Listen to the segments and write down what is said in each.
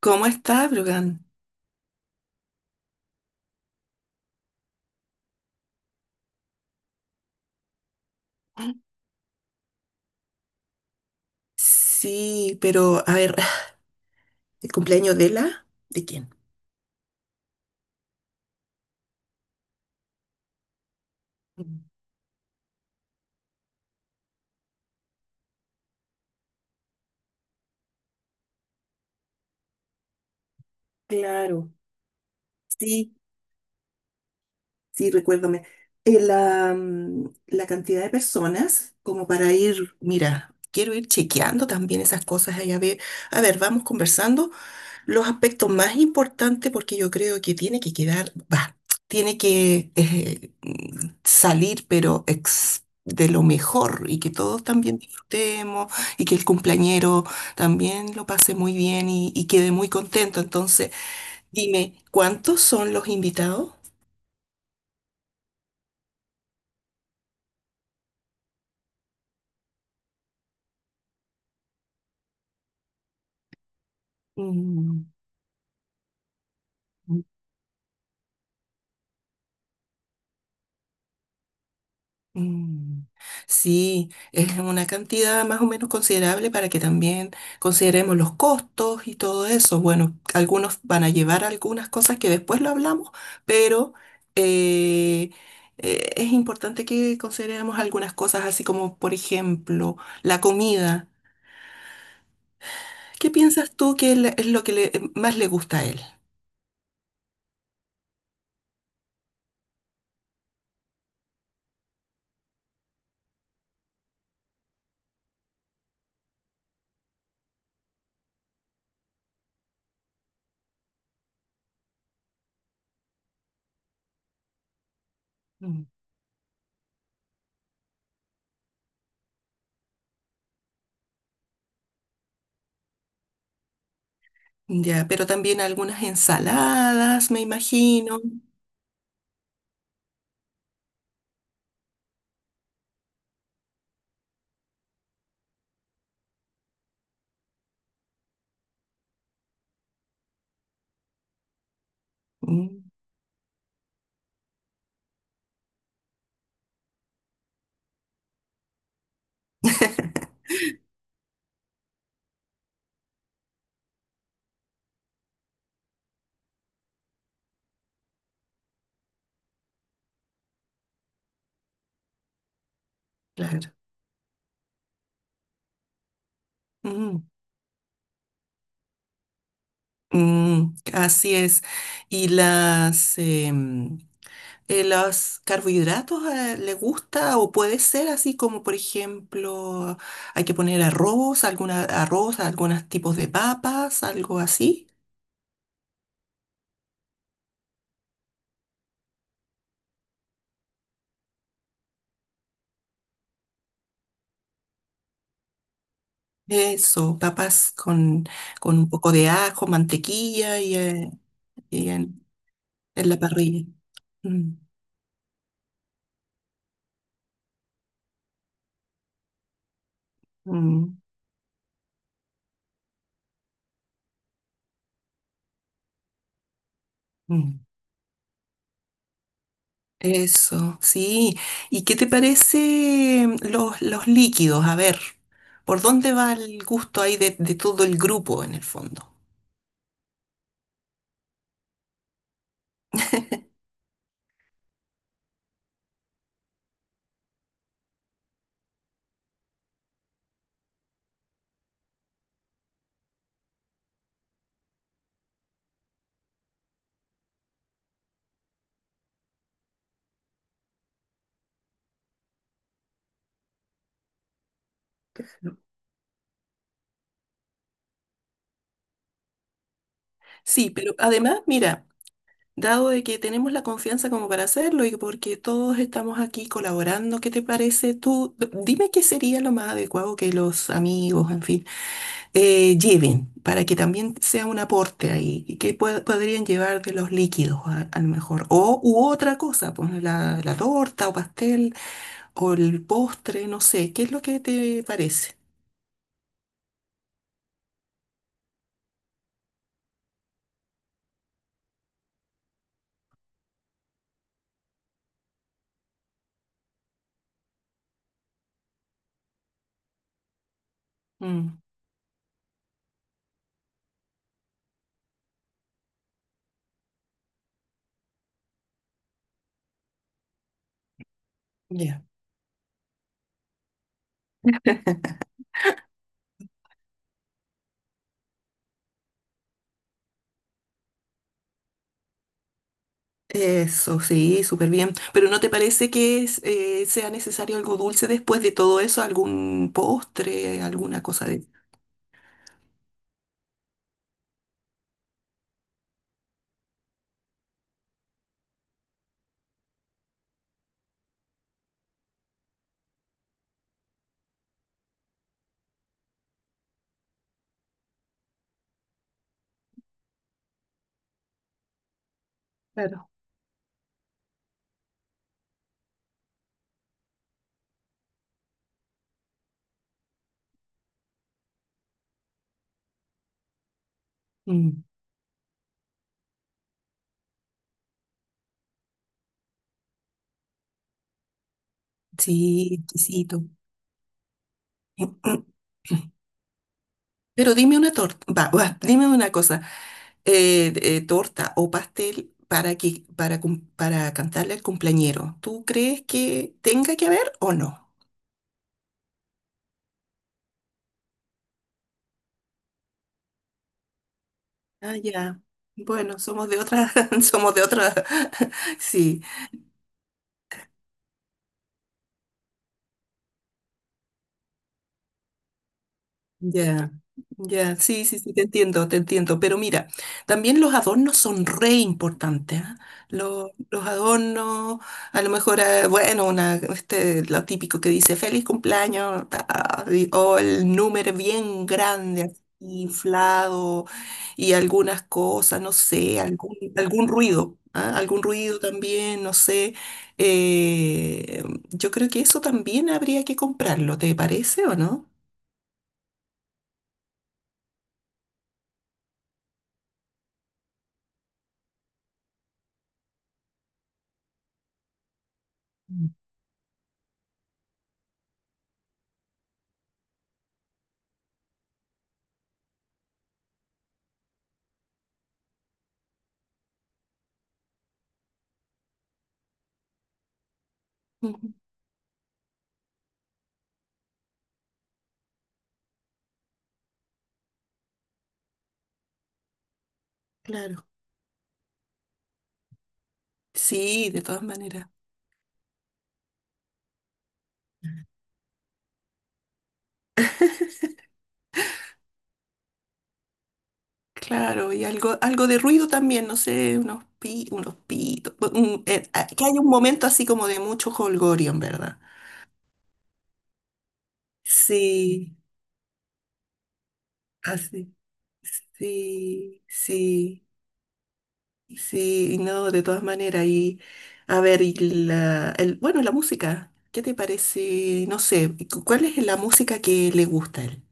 ¿Cómo está, Brogan? Sí, pero a ver, ¿el cumpleaños de la? ¿De quién? Claro, sí, sí, recuérdame. La cantidad de personas, como para ir, mira, quiero ir chequeando también esas cosas allá. A ver. A ver, vamos conversando. Los aspectos más importantes, porque yo creo que tiene que quedar, va, tiene que salir, pero de lo mejor y que todos también disfrutemos y que el cumpleañero también lo pase muy bien y quede muy contento. Entonces, dime, ¿cuántos son los invitados? Mm. Mm. Sí, es una cantidad más o menos considerable para que también consideremos los costos y todo eso. Bueno, algunos van a llevar algunas cosas que después lo hablamos, pero eh, es importante que consideremos algunas cosas, así como, por ejemplo, la comida. ¿Qué piensas tú que es lo que más le gusta a él? Mm. Ya, pero también algunas ensaladas, me imagino. Mm, claro. Mm, así es. ¿Y los carbohidratos, le gusta o puede ser así como, por ejemplo, hay que poner arroz, arroz, algunos tipos de papas, algo así? Eso, papas con un poco de ajo, mantequilla y en la parrilla. Mm, mm, mm. Eso, sí. ¿Y qué te parece los líquidos? A ver, ¿por dónde va el gusto ahí de todo el grupo en el fondo? Sí, pero además, mira, dado de que tenemos la confianza como para hacerlo y porque todos estamos aquí colaborando, ¿qué te parece tú? Dime qué sería lo más adecuado que los amigos, en fin, lleven para que también sea un aporte ahí. Y ¿qué podrían llevar de los líquidos a lo mejor? O u otra cosa, pues la torta o pastel o el postre, no sé. ¿Qué es lo que te parece? Mm, ya. Eso, sí, súper bien. Pero ¿no te parece que es, sea necesario algo dulce después de todo eso? ¿Algún postre, alguna cosa de... Claro. Mm, sí, exquisito. Pero dime una torta, va, va, dime una cosa, torta o pastel para que, para, para cantarle al cumpleañero. ¿Tú crees que tenga que haber o no? Ah, ya. Bueno, somos de otra, somos de otra, sí. Ya, ya, sí, sí, sí, te entiendo, te entiendo. Pero mira, también los adornos son re importantes, ¿ah? Los adornos, a lo mejor, bueno, una, este, lo típico que dice feliz cumpleaños, ta, o el número bien grande, así, inflado, y algunas cosas, no sé, algún, algún ruido, ¿ah? Algún ruido también, no sé. Eh, yo creo que eso también habría que comprarlo, ¿te parece o no? Claro. Sí, de todas maneras. Claro, y algo, algo de ruido también, no sé, unos pitos. Que haya un momento así como de mucho jolgorio, en verdad. Sí, así. Sí, sí, sí, no, de todas maneras. Y a ver, bueno, la música, ¿qué te parece? No sé, ¿cuál es la música que le gusta a él?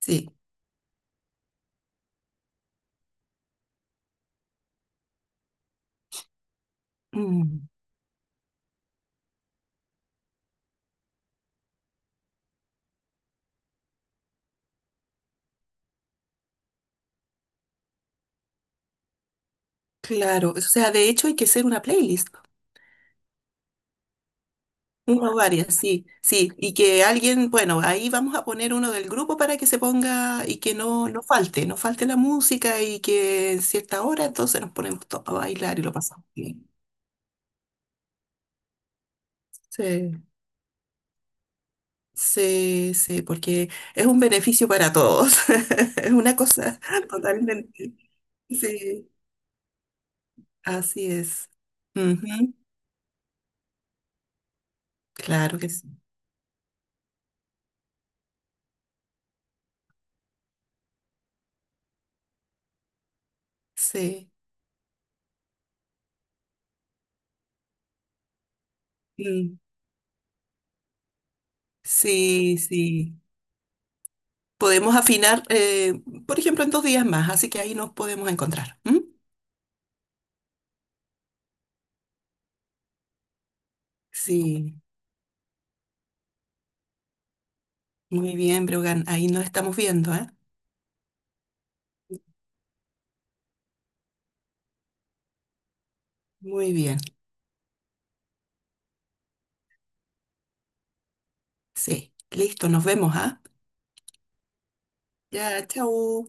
Sí. Mm, claro, o sea, de hecho hay que hacer una playlist. Tengo varias, sí, sí. Y que alguien, bueno, ahí vamos a poner uno del grupo para que se ponga y que no falte, no falte la música y que en cierta hora entonces nos ponemos todos a bailar y lo pasamos bien. Sí, sí, sí, porque es un beneficio para todos. Es una cosa totalmente. Sí, así es. Ujú. Claro que sí. Sí. Mm. Sí, sí. Podemos afinar, por ejemplo, en 2 días más, así que ahí nos podemos encontrar. ¿M? Sí, muy bien, Brogan, ahí nos estamos viendo, ¿eh? Muy bien, sí. Listo, nos vemos, ¿ah? Ya, chao.